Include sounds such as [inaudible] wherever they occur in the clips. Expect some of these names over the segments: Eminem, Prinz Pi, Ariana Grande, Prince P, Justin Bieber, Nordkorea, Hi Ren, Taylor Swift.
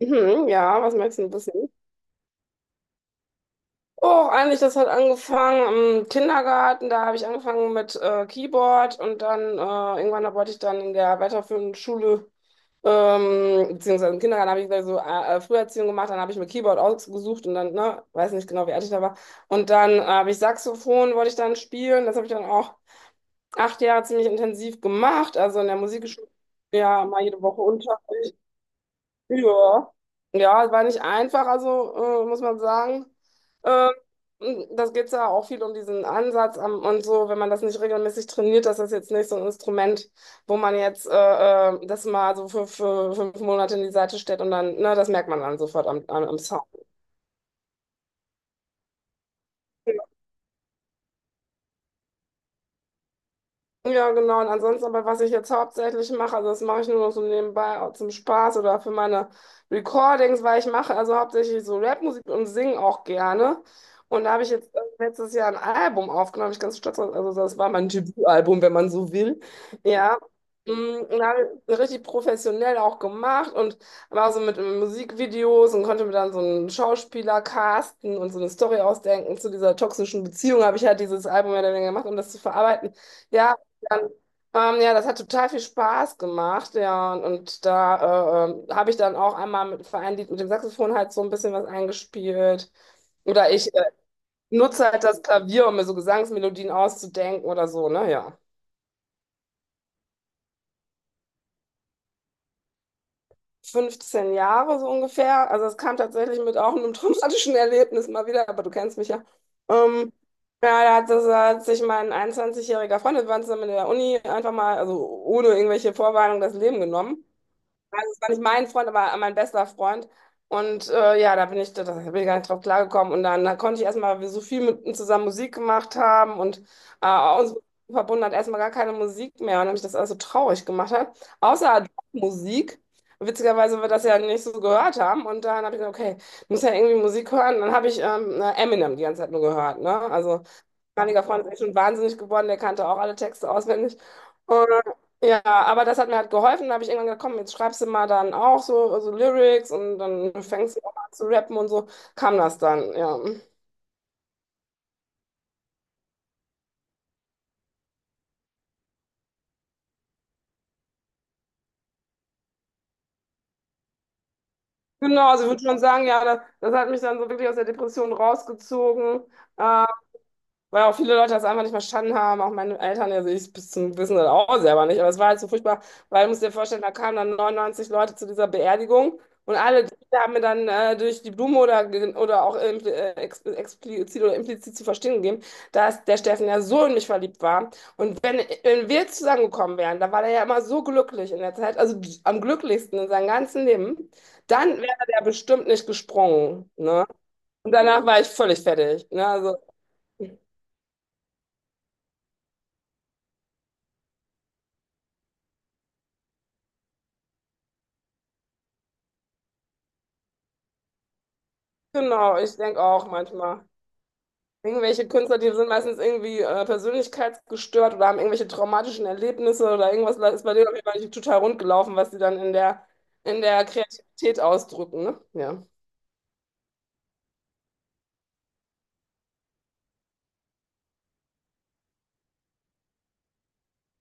Mhm, ja, was möchtest du wissen? Oh, eigentlich, das hat angefangen im Kindergarten. Da habe ich angefangen mit Keyboard und dann irgendwann da wollte ich dann in der weiterführenden Schule, beziehungsweise im Kindergarten habe ich gleich so Früherziehung gemacht. Dann habe ich mir Keyboard ausgesucht und dann, ne, weiß nicht genau, wie alt ich da war. Und dann habe ich Saxophon, wollte ich dann spielen. Das habe ich dann auch 8 Jahre ziemlich intensiv gemacht. Also in der Musikschule, ja, mal jede Woche Unterricht. Ja. Ja, es war nicht einfach, also muss man sagen. Ähm, Das geht ja auch viel um diesen Ansatz am, und so, wenn man das nicht regelmäßig trainiert, dass das ist jetzt nicht so ein Instrument, wo man jetzt das mal so für 5 Monate in die Seite stellt und dann, ne, das merkt man dann sofort am, am, am Sound. Ja, genau. Und ansonsten, aber was ich jetzt hauptsächlich mache, also das mache ich nur noch so nebenbei auch zum Spaß oder für meine Recordings, weil ich mache also hauptsächlich so Rapmusik und singe auch gerne. Und da habe ich jetzt letztes Jahr ein Album aufgenommen, bin ich ganz stolz drauf. Also das war mein Debütalbum, wenn man so will. Ja. Mm, und habe ich richtig professionell auch gemacht und war so mit Musikvideos und konnte mir dann so einen Schauspieler casten und so eine Story ausdenken zu dieser toxischen Beziehung. Habe ich halt dieses Album ja dann gemacht, um das zu verarbeiten. Ja, dann, ja, das hat total viel Spaß gemacht, ja, und da habe ich dann auch einmal mit Vereinlied mit dem Saxophon halt so ein bisschen was eingespielt. Oder ich nutze halt das Klavier, um mir so Gesangsmelodien auszudenken oder so, ne, ja. 15 Jahre so ungefähr, also es kam tatsächlich mit auch einem [laughs] traumatischen Erlebnis mal wieder, aber du kennst mich ja. Ähm, ja, da hat, das, hat sich mein 21-jähriger Freund, wir waren zusammen in der Uni, einfach mal, also ohne irgendwelche Vorwarnung, das Leben genommen. Also, es war nicht mein Freund, aber mein bester Freund. Und ja, da bin ich gar nicht drauf klargekommen. Und dann da konnte ich erstmal, weil wir so viel mit ihm zusammen Musik gemacht haben und uns verbunden hat erstmal gar keine Musik mehr. Und dann mich das alles so traurig gemacht hat. Außer Musik. Witzigerweise, weil wir das ja nicht so gehört haben. Und dann habe ich gedacht, okay, ich muss ja irgendwie Musik hören. Dann habe ich Eminem die ganze Zeit nur gehört. Ne? Also damaliger Freund ist echt schon wahnsinnig geworden, der kannte auch alle Texte auswendig. Und, ja, aber das hat mir halt geholfen. Da habe ich irgendwann gedacht, komm, jetzt schreibst du mal dann auch so, so Lyrics und dann fängst du auch an zu rappen und so kam das dann, ja. Genau, also ich würde schon sagen, ja, das, das hat mich dann so wirklich aus der Depression rausgezogen. Ähm, Weil auch viele Leute das einfach nicht verstanden haben, auch meine Eltern, also ich bis zum Wissen das auch selber nicht, aber es war halt so furchtbar, weil du musst dir vorstellen, da kamen dann 99 Leute zu dieser Beerdigung und alle die haben mir dann durch die Blume oder, oder auch ex explizit oder implizit zu verstehen gegeben, dass der Steffen ja so in mich verliebt war. Und wenn, wenn wir zusammengekommen wären, da war der ja immer so glücklich in der Zeit, also am glücklichsten in seinem ganzen Leben, dann wäre der bestimmt nicht gesprungen, ne? Und danach war ich völlig fertig, ne? Also. Genau, ich denke auch manchmal. Irgendwelche Künstler, die sind meistens irgendwie persönlichkeitsgestört oder haben irgendwelche traumatischen Erlebnisse oder irgendwas ist bei denen auf jeden Fall nicht total rund gelaufen, was sie dann in der Kreativität ausdrücken, ne? Ja.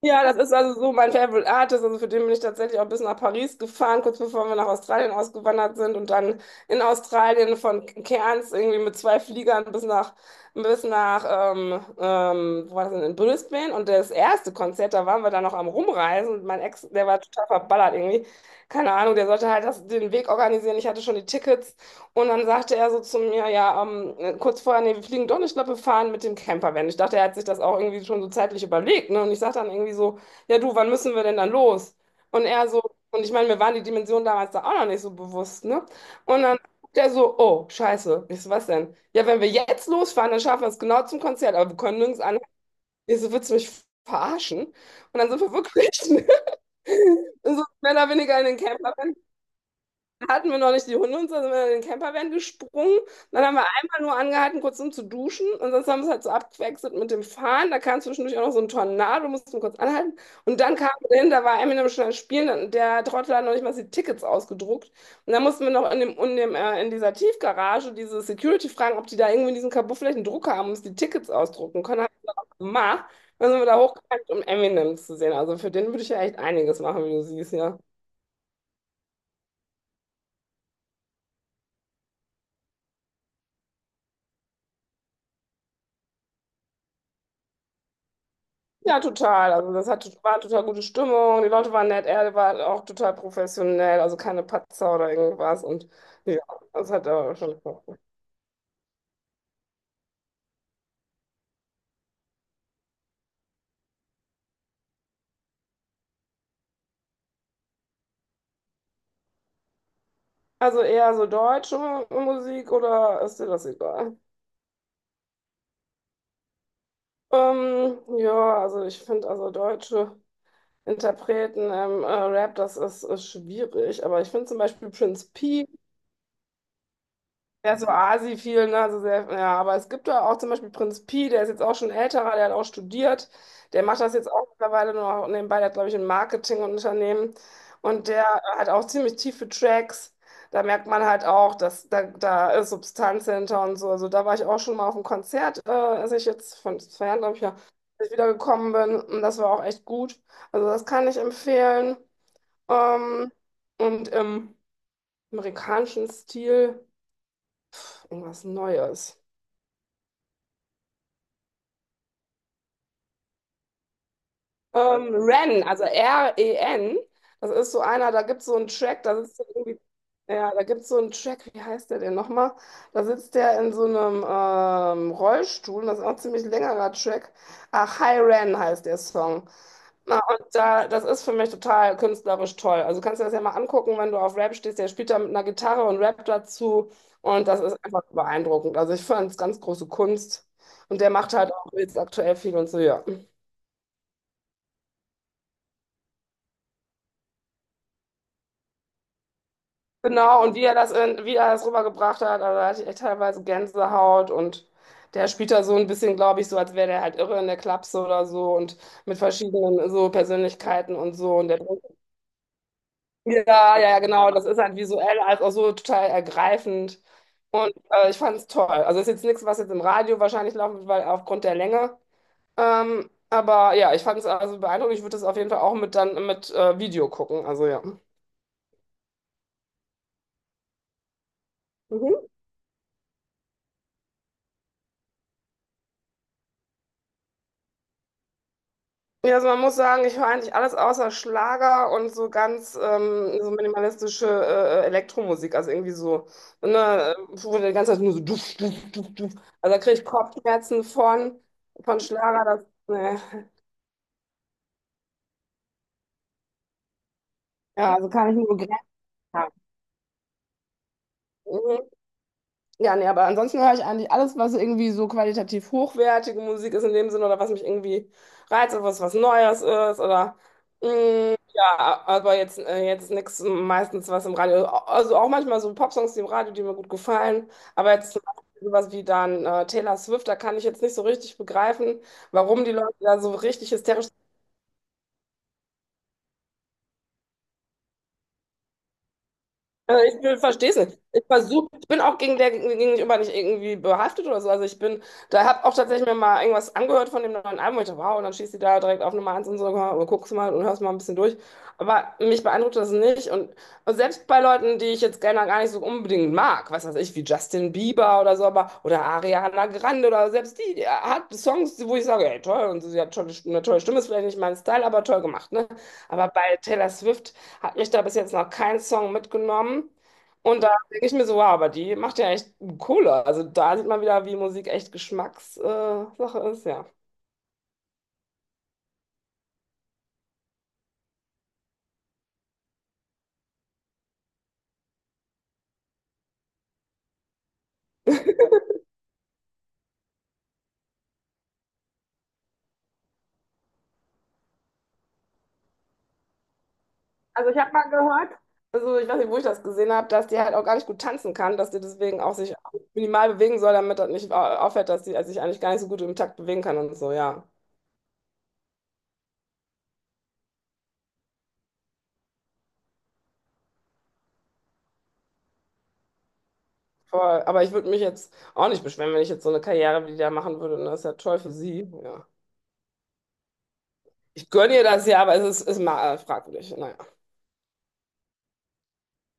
Ja, das ist also so mein Favorite Artist. Also für den bin ich tatsächlich auch bis nach Paris gefahren, kurz bevor wir nach Australien ausgewandert sind und dann in Australien von Cairns irgendwie mit 2 Fliegern bis nach, bis nach, wo war das denn, in Brisbane. Und das erste Konzert, da waren wir dann noch am Rumreisen und mein Ex, der war total verballert irgendwie. Keine Ahnung, der sollte halt das, den Weg organisieren. Ich hatte schon die Tickets. Und dann sagte er so zu mir, ja, kurz vorher, nee, wir fliegen doch nicht, ich glaube, wir fahren mit dem Campervan. Ich dachte, er hat sich das auch irgendwie schon so zeitlich überlegt, ne? Und ich sagte dann irgendwie so, ja, du, wann müssen wir denn dann los? Und er so, und ich meine, mir waren die Dimensionen damals da auch noch nicht so bewusst, ne? Und dann der so, oh, scheiße. Ich so, was denn? Ja, wenn wir jetzt losfahren, dann schaffen wir es genau zum Konzert, aber wir können nirgends an. Ich so, willst du mich verarschen? Und dann sind wir wirklich, [laughs] so mehr oder weniger in den Camper hatten wir noch nicht die Hunde und so, sind wir in den Campervan gesprungen. Dann haben wir einmal nur angehalten, kurz um zu duschen. Und sonst haben wir es halt so abgewechselt mit dem Fahren. Da kam zwischendurch auch noch so ein Tornado, mussten kurz anhalten. Und dann kamen wir hin, da war Eminem schon am Spielen. Dann, der Trottel hat noch nicht mal die Tickets ausgedruckt. Und dann mussten wir noch in dem, in dem, in dieser Tiefgarage diese Security fragen, ob die da irgendwie in diesem Kabuff vielleicht einen Drucker haben, um uns die Tickets ausdrucken können. Haben wir auch gemacht. Dann sind wir da hochgegangen, um Eminem zu sehen. Also für den würde ich ja echt einiges machen, wie du siehst, ja. Ja, total. Also das hatte, war eine total gute Stimmung. Die Leute waren nett, er war auch total professionell, also keine Patzer oder irgendwas. Und ja, das hat er schon. Also eher so deutsche Musik oder ist dir das egal? Ja, also ich finde also deutsche Interpreten im Rap, das ist, ist schwierig. Aber ich finde zum Beispiel Prince P. Der ist so Asi viel, ne? Also sehr, ja, aber es gibt da auch zum Beispiel Prinz Pi, der ist jetzt auch schon älterer, der hat auch studiert. Der macht das jetzt auch mittlerweile nur noch nebenbei, der hat, glaube ich, ein Marketingunternehmen. Und der hat auch ziemlich tiefe Tracks. Da merkt man halt auch, dass da, da ist Substanz hinter und so. Also da war ich auch schon mal auf einem Konzert, als ich jetzt von 2 Jahren, glaube ich, ja, als ich wiedergekommen bin. Und das war auch echt gut. Also das kann ich empfehlen. Ähm, und im amerikanischen Stil irgendwas Neues. Ren, also REN, das ist so einer, da gibt es so einen Track, da sitzt der irgendwie, ja, da gibt es so einen Track, wie heißt der denn nochmal? Da sitzt der in so einem Rollstuhl, das ist auch ein ziemlich längerer Track. Ach, Hi Ren heißt der Song. Na, und da, das ist für mich total künstlerisch toll. Also kannst du das ja mal angucken, wenn du auf Rap stehst, der spielt da mit einer Gitarre und rappt dazu und das ist einfach beeindruckend. Also ich fand es ganz große Kunst und der macht halt auch jetzt aktuell viel und so, ja. Genau, und wie er das, in, wie er das rübergebracht hat, also da hatte ich echt teilweise Gänsehaut und der spielt da so ein bisschen, glaube ich, so, als wäre der halt irre in der Klapse oder so und mit verschiedenen so Persönlichkeiten und so. Und der, ja, ja, ja, genau, das ist halt visuell als auch so total ergreifend. Und ich fand es toll. Also ist jetzt nichts, was jetzt im Radio wahrscheinlich laufen wird, weil aufgrund der Länge. Aber ja, ich fand es also beeindruckend. Ich würde das auf jeden Fall auch mit dann mit Video gucken. Also ja. Mhm. Ja, also man muss sagen, ich höre eigentlich alles außer Schlager und so ganz so minimalistische Elektromusik. Also irgendwie so, ne, wo die ganze Zeit nur so duff, duff, duff, duff. Also da kriege ich Kopfschmerzen von Schlager. Das, ne. Ja, also kann ich nur begrenzt haben. Ja, nee, aber ansonsten höre ich eigentlich alles, was irgendwie so qualitativ hochwertige Musik ist in dem Sinne oder was mich irgendwie reizt oder was was Neues ist oder mm, ja, aber jetzt, jetzt nichts meistens was im Radio. Also auch manchmal so Popsongs, die im Radio, die mir gut gefallen. Aber jetzt zum Beispiel sowas wie dann Taylor Swift, da kann ich jetzt nicht so richtig begreifen, warum die Leute da so richtig hysterisch. Ich verstehe es nicht. Ich versuche, ich bin auch gegen der gegenüber nicht irgendwie behaftet oder so. Also ich bin, da habe auch tatsächlich mir mal irgendwas angehört von dem neuen Album. Ich dachte, wow, und dann schießt die da direkt auf Nummer eins und so, und guckst mal und hörst mal ein bisschen durch. Aber mich beeindruckt das nicht. Und selbst bei Leuten, die ich jetzt gerne gar nicht so unbedingt mag, was weiß ich, wie Justin Bieber oder so, aber oder Ariana Grande oder selbst die, die hat Songs, wo ich sage, ey, toll, und sie hat tolle, eine tolle Stimme, ist vielleicht nicht mein Style, aber toll gemacht, ne? Aber bei Taylor Swift. Hat mich da bis jetzt noch kein Song mitgenommen. Und da denke ich mir so, wow, aber die macht ja echt Kohle. Also da sieht man wieder, wie Musik echt Geschmackssache Sache ist, ja. Also ich habe mal gehört, also ich weiß nicht, wo ich das gesehen habe, dass die halt auch gar nicht gut tanzen kann, dass die deswegen auch sich minimal bewegen soll, damit das nicht auffällt, dass sie also sich eigentlich gar nicht so gut im Takt bewegen kann und so, ja. Voll. Aber ich würde mich jetzt auch nicht beschweren, wenn ich jetzt so eine Karriere wie die da machen würde. Und das ist ja toll für sie, ja. Ich gönne ihr das ja, aber es ist, ist mal fragwürdig. Naja.